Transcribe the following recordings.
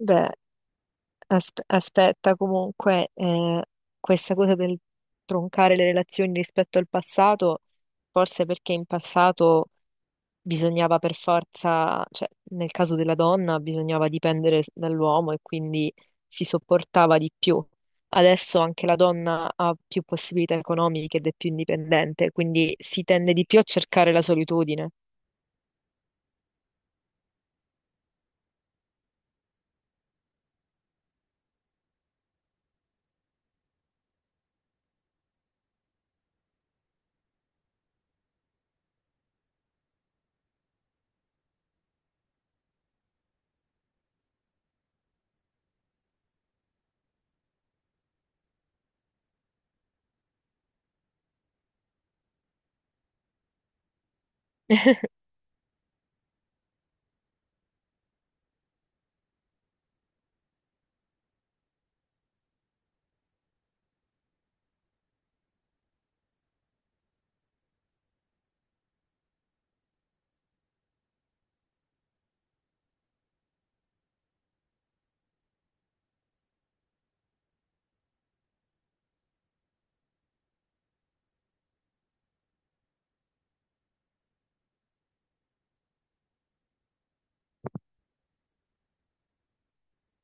Beh, aspetta comunque, questa cosa del troncare le relazioni rispetto al passato, forse perché in passato bisognava per forza, cioè nel caso della donna bisognava dipendere dall'uomo e quindi si sopportava di più. Adesso anche la donna ha più possibilità economiche ed è più indipendente, quindi si tende di più a cercare la solitudine.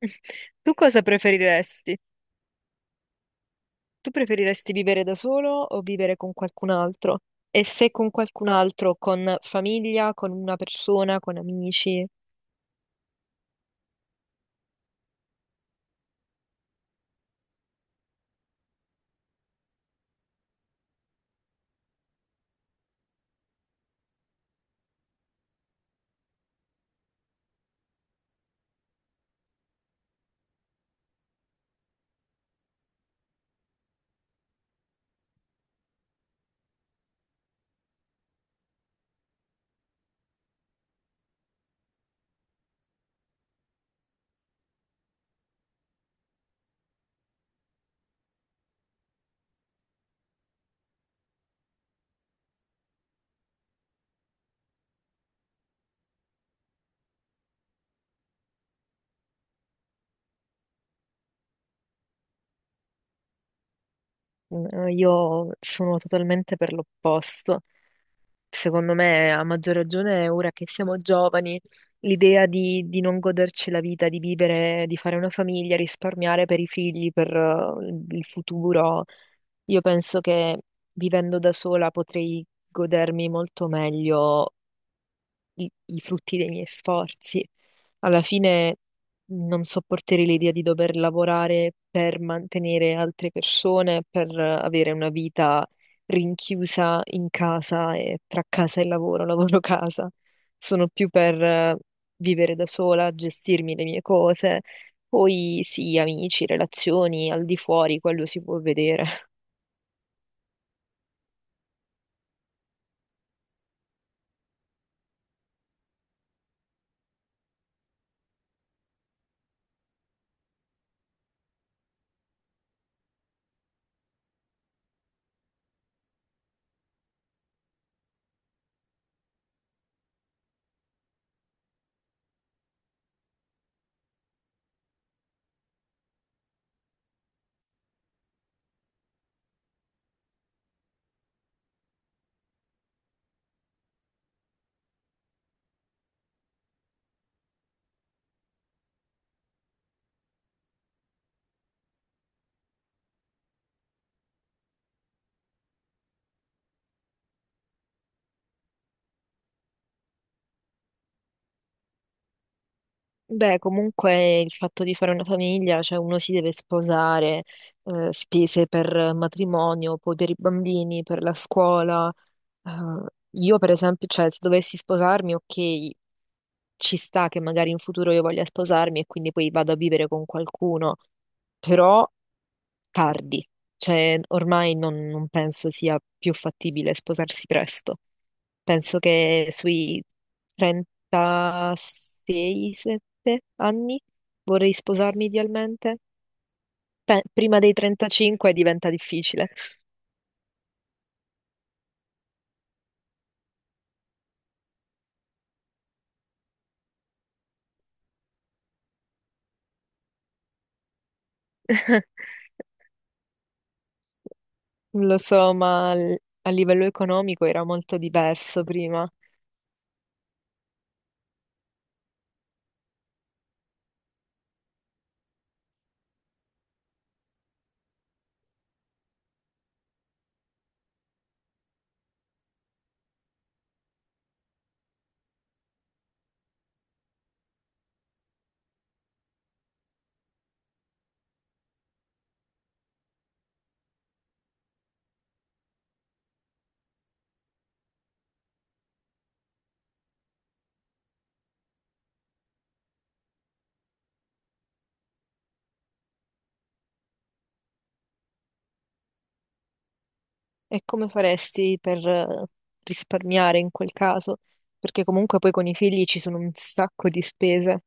Tu cosa preferiresti? Tu preferiresti vivere da solo o vivere con qualcun altro? E se con qualcun altro, con famiglia, con una persona, con amici? Io sono totalmente per l'opposto. Secondo me, a maggior ragione, ora che siamo giovani, l'idea di non goderci la vita, di vivere, di fare una famiglia, risparmiare per i figli, per il futuro, io penso che vivendo da sola potrei godermi molto meglio i, i frutti dei miei sforzi. Alla fine non sopporterei l'idea di dover lavorare per mantenere altre persone, per avere una vita rinchiusa in casa e tra casa e lavoro, lavoro-casa. Sono più per vivere da sola, gestirmi le mie cose. Poi sì, amici, relazioni, al di fuori, quello si può vedere. Beh, comunque il fatto di fare una famiglia, cioè uno si deve sposare, spese per matrimonio, poi per i bambini, per la scuola. Eh, io per esempio, cioè se dovessi sposarmi, ok, ci sta che magari in futuro io voglia sposarmi e quindi poi vado a vivere con qualcuno, però tardi, cioè ormai non penso sia più fattibile sposarsi presto, penso che sui 36-7 anni vorrei sposarmi idealmente. Prima dei 35 diventa difficile. Lo so, ma a livello economico era molto diverso prima. E come faresti per risparmiare in quel caso? Perché comunque poi con i figli ci sono un sacco di spese.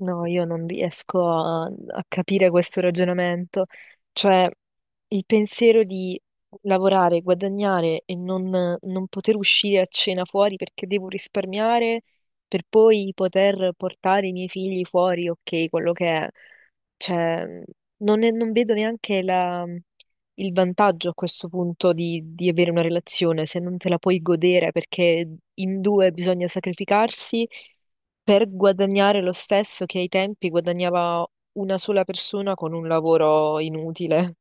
No, io non riesco a capire questo ragionamento. Cioè, il pensiero di lavorare, guadagnare e non poter uscire a cena fuori perché devo risparmiare per poi poter portare i miei figli fuori, ok, quello che è. Cioè, non vedo neanche il vantaggio a questo punto di, avere una relazione se non te la puoi godere perché in due bisogna sacrificarsi per guadagnare lo stesso che ai tempi guadagnava una sola persona con un lavoro inutile.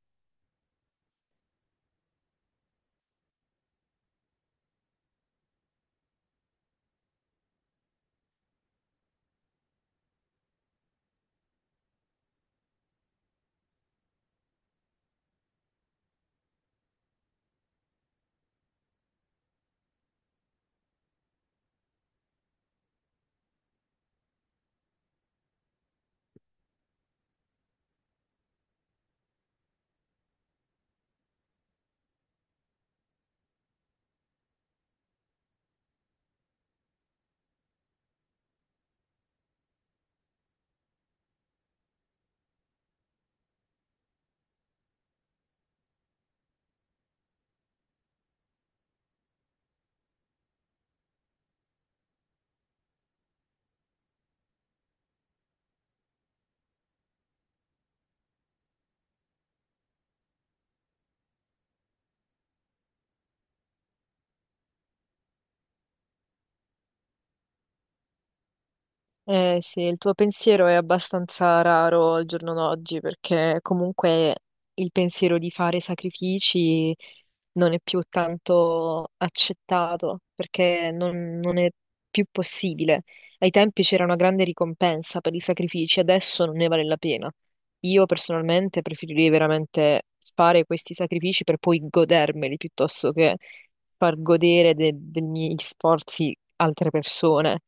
Eh sì, il tuo pensiero è abbastanza raro al giorno d'oggi perché comunque il pensiero di fare sacrifici non è più tanto accettato perché non è più possibile. Ai tempi c'era una grande ricompensa per i sacrifici, adesso non ne vale la pena. Io personalmente preferirei veramente fare questi sacrifici per poi godermeli piuttosto che far godere dei miei sforzi altre persone.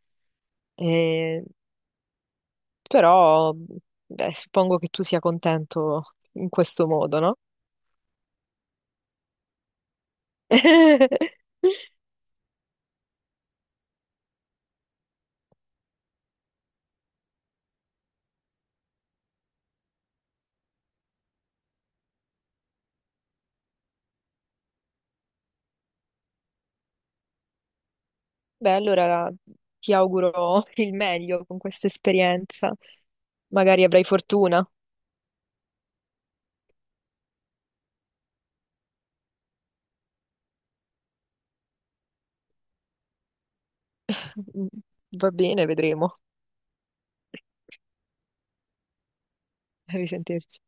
Eh, però, beh, suppongo che tu sia contento in questo modo, no? Beh, allora ti auguro il meglio con questa esperienza. Magari avrai fortuna. Mm, va bene, vedremo. A risentirci.